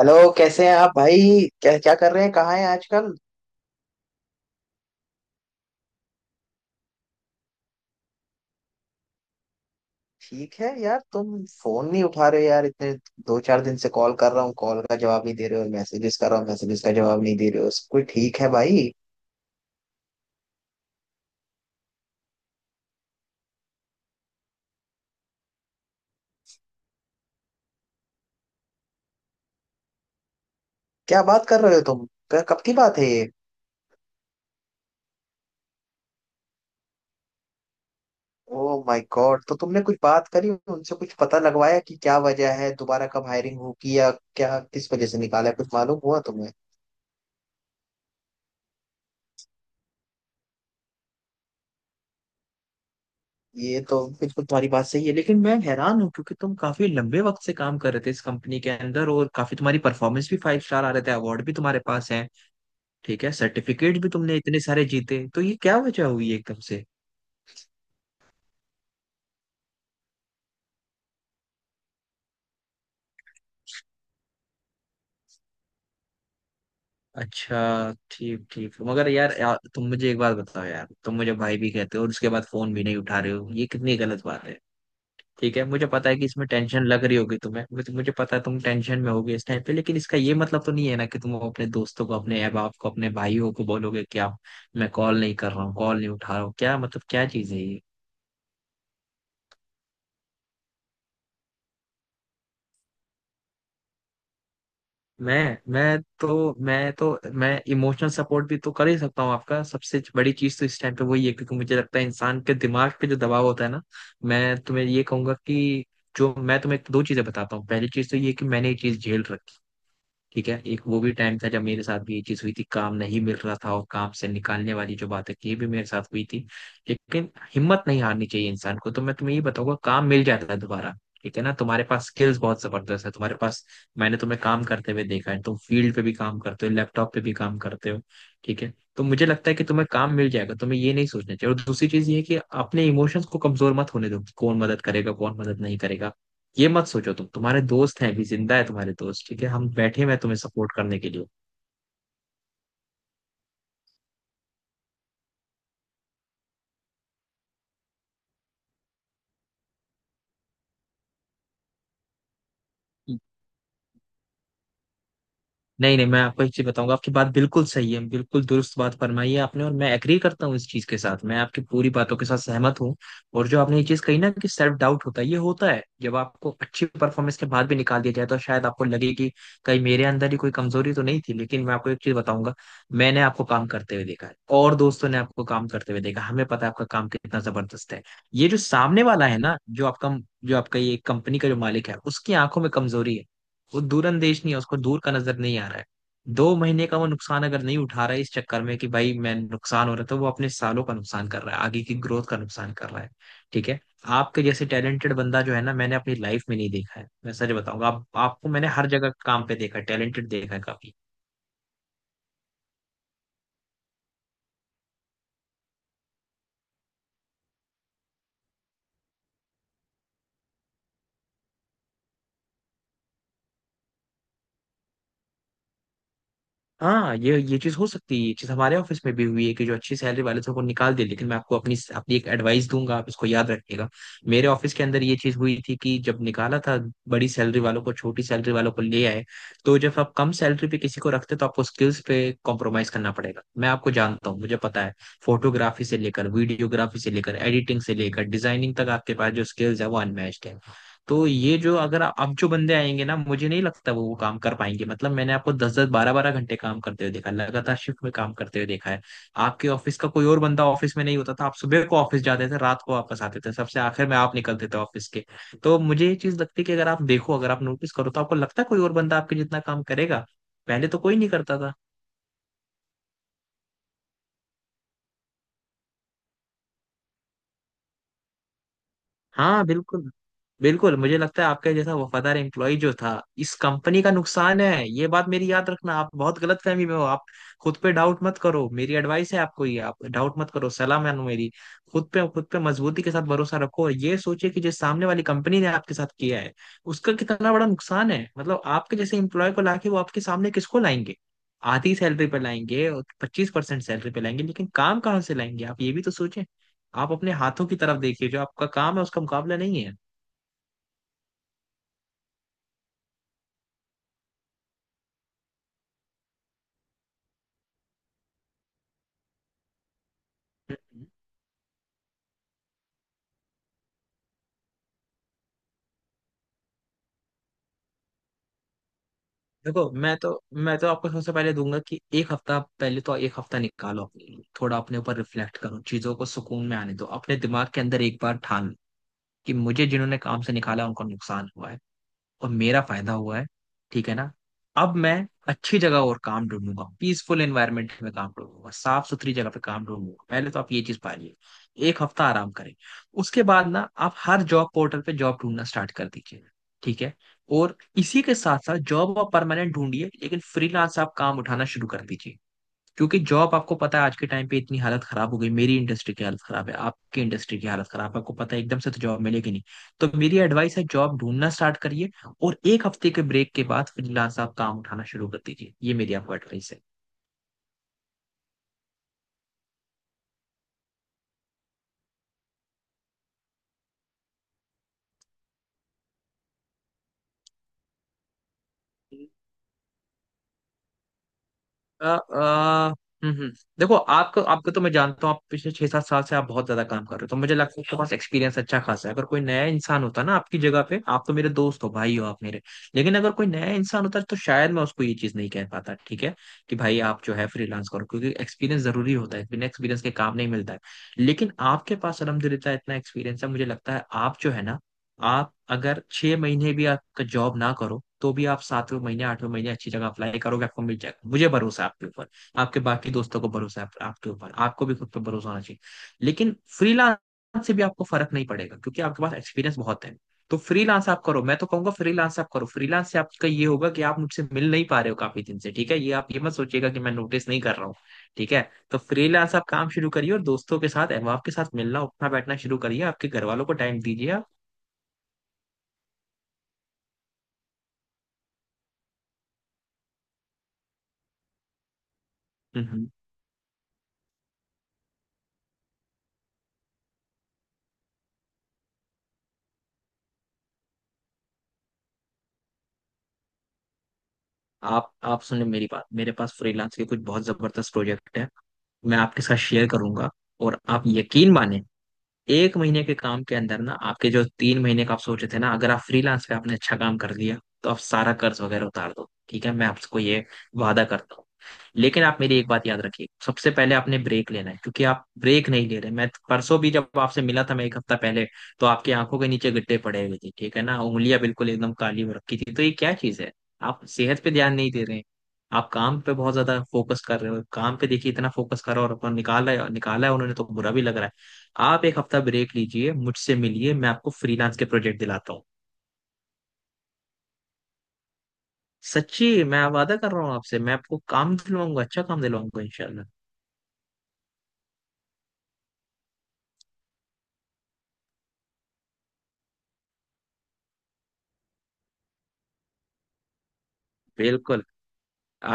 Hello, कैसे हैं आप भाई? क्या क्या कर रहे हैं, कहाँ हैं आजकल? ठीक है यार, तुम फोन नहीं उठा रहे हो यार, इतने दो चार दिन से कॉल कर रहा हूँ, कॉल का जवाब नहीं दे रहे हो, मैसेजेस कर रहा हूँ, मैसेजेस का जवाब नहीं दे रहे हो। कोई ठीक है भाई? क्या बात कर रहे हो तुम! कब की बात है ये? Oh my god! तो तुमने कुछ बात करी उनसे, कुछ पता लगवाया कि क्या वजह है, दोबारा कब हायरिंग होगी, या क्या किस वजह से निकाला है? कुछ मालूम हुआ तुम्हें? ये तो बिल्कुल तुम्हारी बात सही है, लेकिन मैं हैरान हूँ क्योंकि तुम काफी लंबे वक्त से काम कर रहे थे इस कंपनी के अंदर, और काफी तुम्हारी परफॉर्मेंस भी फाइव स्टार आ रहे थे, अवार्ड भी तुम्हारे पास है। ठीक है, सर्टिफिकेट भी तुमने इतने सारे जीते, तो ये क्या वजह हुई एकदम से? अच्छा ठीक ठीक, मगर यार, यार तुम मुझे एक बात बताओ यार। तुम मुझे भाई भी कहते हो और उसके बाद फोन भी नहीं उठा रहे हो, ये कितनी गलत बात है। ठीक है, मुझे पता है कि इसमें टेंशन लग रही होगी तुम्हें, मुझे मुझे पता है तुम टेंशन में होगी इस टाइम पे, लेकिन इसका ये मतलब तो नहीं है ना कि तुम अपने दोस्तों को, अपने अहबाब बाप को, अपने भाइयों को बोलोगे क्या? मैं कॉल नहीं कर रहा हूँ, कॉल नहीं उठा रहा हूँ, क्या मतलब क्या चीज है ये? मैं तो मैं तो मैं इमोशनल सपोर्ट भी तो कर ही सकता हूँ आपका। सबसे बड़ी चीज तो इस टाइम पे वही है, क्योंकि मुझे लगता है इंसान के दिमाग पे जो दबाव होता है ना। मैं तुम्हें ये कहूंगा कि जो मैं तुम्हें दो चीजें बताता हूँ, पहली चीज तो ये कि मैंने ये चीज झेल रखी है। ठीक है, एक वो भी टाइम था जब मेरे साथ भी ये चीज हुई थी, काम नहीं मिल रहा था, और काम से निकालने वाली जो बात है ये भी मेरे साथ हुई थी। लेकिन हिम्मत नहीं हारनी चाहिए इंसान को, तो मैं तुम्हें ये बताऊंगा, काम मिल जाता है दोबारा। ठीक है ना? तुम्हारे पास स्किल्स बहुत जबरदस्त है तुम्हारे पास। मैंने तुम्हें काम करते हुए देखा है, तुम फील्ड पे भी काम करते हो, लैपटॉप पे भी काम करते हो। ठीक है, तो मुझे लगता है कि तुम्हें काम मिल जाएगा, तुम्हें ये नहीं सोचना चाहिए। और दूसरी चीज ये है कि अपने इमोशंस को कमजोर मत होने दो। कौन मदद करेगा, कौन मदद नहीं करेगा, ये मत सोचो। तुम, तुम्हारे दोस्त हैं अभी जिंदा है तुम्हारे दोस्त, ठीक है? हम बैठे हैं मैं तुम्हें सपोर्ट करने के लिए। नहीं नहीं, मैं आपको एक चीज बताऊंगा, आपकी बात बिल्कुल सही है, बिल्कुल दुरुस्त बात फरमाई है आपने, और मैं एग्री करता हूँ इस चीज के साथ, मैं आपकी पूरी बातों के साथ सहमत हूँ। और जो आपने ये चीज कही ना कि सेल्फ डाउट होता है, ये होता है जब आपको अच्छी परफॉर्मेंस के बाद भी निकाल दिया जाए तो शायद आपको लगे कि कहीं मेरे अंदर ही कोई कमजोरी तो नहीं थी, लेकिन मैं आपको एक चीज बताऊंगा। मैंने आपको काम करते हुए देखा है, और दोस्तों ने आपको काम करते हुए देखा, हमें पता है आपका काम कितना जबरदस्त है। ये जो सामने वाला है ना, जो आपका ये कंपनी का जो मालिक है, उसकी आंखों में कमजोरी है। वो दूरंदेश नहीं है, उसको दूर का नजर नहीं आ रहा है। 2 महीने का वो नुकसान अगर नहीं उठा रहा है इस चक्कर में कि भाई मैं नुकसान हो रहा है, तो वो अपने सालों का नुकसान कर रहा है, आगे की ग्रोथ का नुकसान कर रहा है। ठीक है, आपके जैसे टैलेंटेड बंदा जो है ना, मैंने अपनी लाइफ में नहीं देखा है, मैं सच बताऊंगा। आपको मैंने हर जगह काम पे देखा है, टैलेंटेड देखा है काफी। हाँ, ये चीज हो सकती है, ये चीज हमारे ऑफिस में भी हुई है कि जो अच्छी सैलरी वाले थे उनको निकाल दिया, लेकिन मैं आपको अपनी अपनी एक एडवाइस दूंगा, आप इसको याद रखिएगा। मेरे ऑफिस के अंदर ये चीज हुई थी कि जब निकाला था बड़ी सैलरी वालों को, छोटी सैलरी वालों को ले आए। तो जब आप कम सैलरी पे किसी को रखते तो आपको स्किल्स पे कॉम्प्रोमाइज करना पड़ेगा। मैं आपको जानता हूँ, मुझे पता है। फोटोग्राफी से लेकर वीडियोग्राफी से लेकर एडिटिंग से लेकर डिजाइनिंग तक आपके पास जो स्किल्स है वो अनमैच्ड है। तो ये जो, अगर अब जो बंदे आएंगे ना, मुझे नहीं लगता वो काम कर पाएंगे। मतलब मैंने आपको दस दस बारह बारह घंटे काम करते हुए देखा है, लगातार शिफ्ट में काम करते हुए देखा है। आपके ऑफिस का कोई और बंदा ऑफिस में नहीं होता था, आप सुबह को ऑफिस जाते थे, रात को वापस आते थे, सबसे आखिर में आप निकलते थे ऑफिस के। तो मुझे ये चीज लगती है कि अगर आप देखो, अगर आप नोटिस करो, तो आपको लगता है कोई और बंदा आपके जितना काम करेगा? पहले तो कोई नहीं करता था। हाँ बिल्कुल, बिल्कुल। मुझे लगता है आपका जैसा वफादार एम्प्लॉय जो था, इस कंपनी का नुकसान है। ये बात मेरी याद रखना, आप बहुत गलत फहमी में हो आप। खुद पे डाउट मत करो, मेरी एडवाइस है आपको ये, आप डाउट मत करो, सलाह मानो मेरी। खुद पे मजबूती के साथ भरोसा रखो, और ये सोचे कि जो सामने वाली कंपनी ने आपके साथ किया है, उसका कितना बड़ा नुकसान है। मतलब आपके जैसे एम्प्लॉय को लाके, वो आपके सामने किसको लाएंगे? आधी सैलरी पे लाएंगे और 25% सैलरी पे लाएंगे, लेकिन काम कहाँ से लाएंगे? आप ये भी तो सोचें। आप अपने हाथों की तरफ देखिए, जो आपका काम है उसका मुकाबला नहीं है। हम्म। देखो, मैं तो आपको सबसे पहले दूंगा कि एक हफ्ता, पहले तो एक हफ्ता निकालो अपने लिए, थोड़ा अपने ऊपर रिफ्लेक्ट करो, चीजों को सुकून में आने दो, अपने दिमाग के अंदर एक बार ठान लो कि मुझे जिन्होंने काम से निकाला उनको नुकसान हुआ है, और मेरा फायदा हुआ है। ठीक है ना? अब मैं अच्छी जगह और काम ढूंढूंगा, पीसफुल एनवायरनमेंट में काम ढूंढूंगा, साफ सुथरी जगह पे काम ढूंढूंगा। पहले तो आप ये चीज पालिए, एक हफ्ता आराम करें। उसके बाद ना आप हर जॉब पोर्टल पे जॉब ढूंढना स्टार्ट कर दीजिए, ठीक है? और इसी के साथ साथ जॉब आप परमानेंट ढूंढिए, लेकिन फ्रीलांस आप काम उठाना शुरू कर दीजिए। क्योंकि जॉब आपको पता है, आज के टाइम पे इतनी हालत खराब हो गई, मेरी इंडस्ट्री की हालत खराब है, आपकी इंडस्ट्री की हालत खराब है, आपको पता है, एकदम से तो जॉब मिलेगी नहीं। तो मेरी एडवाइस है, जॉब ढूंढना स्टार्ट करिए, और एक हफ्ते के ब्रेक के बाद फ्रीलांस आप काम उठाना शुरू कर दीजिए, ये मेरी आपको एडवाइस है। अ, अ, हम्म हम्म। देखो, आपको आपको तो मैं जानता हूँ, आप पिछले 6 7 साल से आप बहुत ज्यादा काम कर रहे हो, तो मुझे लगता है आपके पास एक्सपीरियंस अच्छा खासा है। अगर कोई नया इंसान होता ना आपकी जगह पे, आप तो मेरे दोस्त हो, भाई हो आप मेरे। लेकिन अगर कोई नया इंसान होता तो शायद मैं उसको ये चीज नहीं कह पाता, ठीक है? कि भाई आप जो है फ्रीलांस करो, क्योंकि एक्सपीरियंस जरूरी होता है, बिना एक्सपीरियंस के काम नहीं मिलता है। लेकिन आपके पास अलहमदुलिल्लाह इतना एक्सपीरियंस है, मुझे लगता है आप जो है ना, आप अगर 6 महीने भी आपका जॉब ना करो तो भी आप 7वें महीने 8वें महीने अच्छी जगह अप्लाई करोगे, आपको मिल जाएगा, मुझे भरोसा है आपके ऊपर। आपके बाकी दोस्तों को भरोसा है आपके ऊपर, आपको भी खुद पे भरोसा होना चाहिए। लेकिन फ्रीलांस से भी आपको फर्क नहीं पड़ेगा क्योंकि आपके पास एक्सपीरियंस बहुत है। तो फ्रीलांस आप करो, मैं तो कहूंगा फ्रीलांस आप करो। फ्रीलांस से आपका ये होगा कि आप मुझसे मिल नहीं पा रहे हो काफी दिन से, ठीक है? ये आप ये मत सोचिएगा कि मैं नोटिस नहीं कर रहा हूँ, ठीक है? तो फ्रीलांस आप काम शुरू करिए, और दोस्तों के साथ अहबाब के साथ मिलना उठना बैठना शुरू करिए, आपके घर वालों को टाइम दीजिए आप। हम्म हम्म। आप सुने मेरी बात, मेरे पास फ्रीलांस के कुछ बहुत जबरदस्त प्रोजेक्ट है, मैं आपके साथ शेयर करूंगा। और आप यकीन माने, एक महीने के काम के अंदर ना आपके जो 3 महीने का आप सोचे थे ना, अगर आप फ्रीलांस पे आपने अच्छा काम कर लिया तो आप सारा कर्ज वगैरह उतार दो। ठीक है, मैं आपको ये वादा करता हूँ। लेकिन आप मेरी एक बात याद रखिए, सबसे पहले आपने ब्रेक लेना है, क्योंकि आप ब्रेक नहीं ले रहे। मैं परसों भी जब आपसे मिला था, मैं एक हफ्ता पहले, तो आपकी आंखों के नीचे गड्ढे पड़े हुए थे, ठीक है ना, उंगलियां बिल्कुल एकदम काली हो रखी थी, तो ये क्या चीज है? आप सेहत पे ध्यान नहीं दे रहे हैं, आप काम पे बहुत ज्यादा फोकस कर रहे हो, काम पे देखिए इतना फोकस कर रहे हो, और अपन निकाला है, निकाला है उन्होंने, तो बुरा भी लग रहा है। आप एक हफ्ता ब्रेक लीजिए, मुझसे मिलिए, मैं आपको फ्रीलांस के प्रोजेक्ट दिलाता हूँ। सच्ची, मैं वादा कर रहा हूँ आपसे, मैं आपको काम दिलवाऊंगा, अच्छा काम दिलवाऊंगा इंशाल्लाह। बिल्कुल।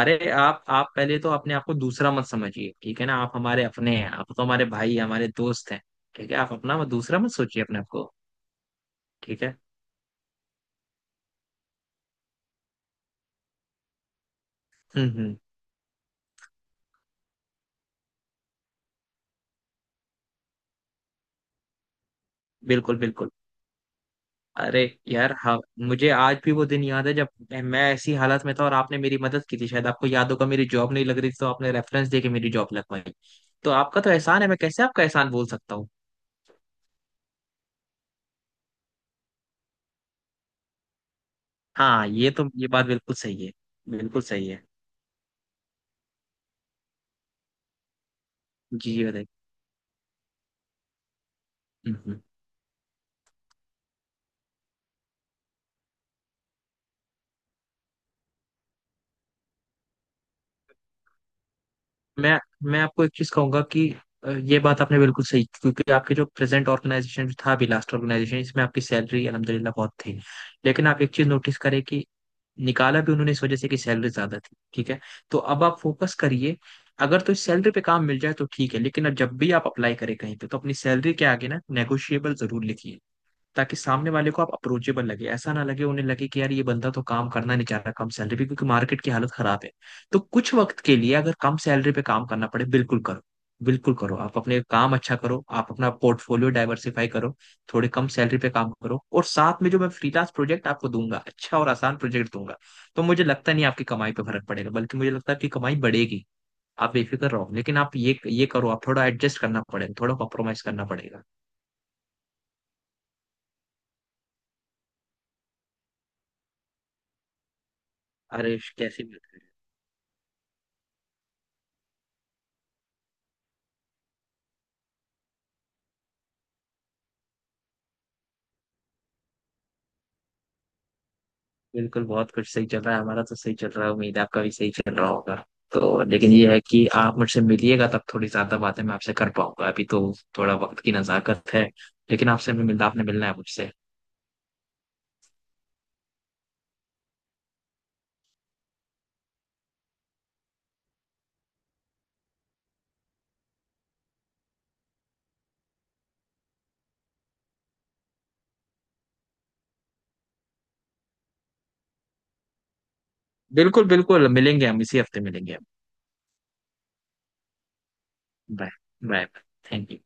अरे आप पहले तो अपने आप को दूसरा मत समझिए, ठीक है ना? आप हमारे अपने हैं, आप तो हमारे भाई हमारे दोस्त हैं। ठीक है, आप अपना मत दूसरा मत सोचिए अपने आप को, ठीक है। हम्म। बिल्कुल बिल्कुल। अरे यार, हाँ, मुझे आज भी वो दिन याद है जब मैं ऐसी हालत में था और आपने मेरी मदद की थी, शायद आपको याद होगा। मेरी जॉब नहीं लग रही थी तो आपने रेफरेंस दे के मेरी जॉब लगवाई। तो आपका तो एहसान है, मैं कैसे आपका एहसान बोल सकता हूँ? हाँ, ये तो ये बात बिल्कुल सही है, बिल्कुल सही है। जी जी बताइए। हम्म, हम्म। मैं मैं आपको एक चीज कहूंगा कि ये बात आपने बिल्कुल सही, क्योंकि आपके जो प्रेजेंट ऑर्गेनाइजेशन था अभी, लास्ट ऑर्गेनाइजेशन, इसमें आपकी सैलरी अलहमदिल्ला बहुत थी। लेकिन आप एक चीज नोटिस करें कि निकाला भी उन्होंने इस वजह से कि सैलरी ज्यादा थी, ठीक है। तो अब आप फोकस करिए, अगर तो इस सैलरी पे काम मिल जाए तो ठीक है, लेकिन अब जब भी आप अप्लाई करें कहीं पे, तो अपनी सैलरी के आगे ना नेगोशिएबल जरूर लिखिए, ताकि सामने वाले को आप अप्रोचेबल लगे, ऐसा ना लगे उन्हें, लगे कि यार ये बंदा तो काम करना नहीं चाह रहा कम सैलरी पे, क्योंकि मार्केट की हालत खराब है। तो कुछ वक्त के लिए अगर कम सैलरी पे काम करना पड़े, बिल्कुल करो, बिल्कुल करो। आप अपने काम अच्छा करो, आप अपना पोर्टफोलियो डाइवर्सिफाई करो, थोड़े कम सैलरी पे काम करो, और साथ में जो मैं फ्रीलांस प्रोजेक्ट आपको दूंगा, अच्छा और आसान प्रोजेक्ट दूंगा। तो मुझे लगता नहीं आपकी कमाई पे फर्क पड़ेगा, बल्कि मुझे लगता है आपकी कमाई बढ़ेगी। आप बेफिक्र रहो, लेकिन आप ये करो, आप थोड़ा एडजस्ट करना पड़ेगा, थोड़ा कॉम्प्रोमाइज करना पड़ेगा। अरे कैसी बात है। बिल्कुल, बहुत कुछ सही चल रहा है, हमारा तो सही चल रहा है, उम्मीद है आपका भी सही चल रहा होगा। तो लेकिन ये है कि आप मुझसे मिलिएगा, तब थोड़ी ज्यादा बातें मैं आपसे कर पाऊंगा, अभी तो थोड़ा वक्त की नजाकत है, लेकिन आपसे भी मिलना, आपने मिलना है मुझसे। बिल्कुल बिल्कुल मिलेंगे हम, इसी हफ्ते मिलेंगे हम। बाय। बाय। Thank you.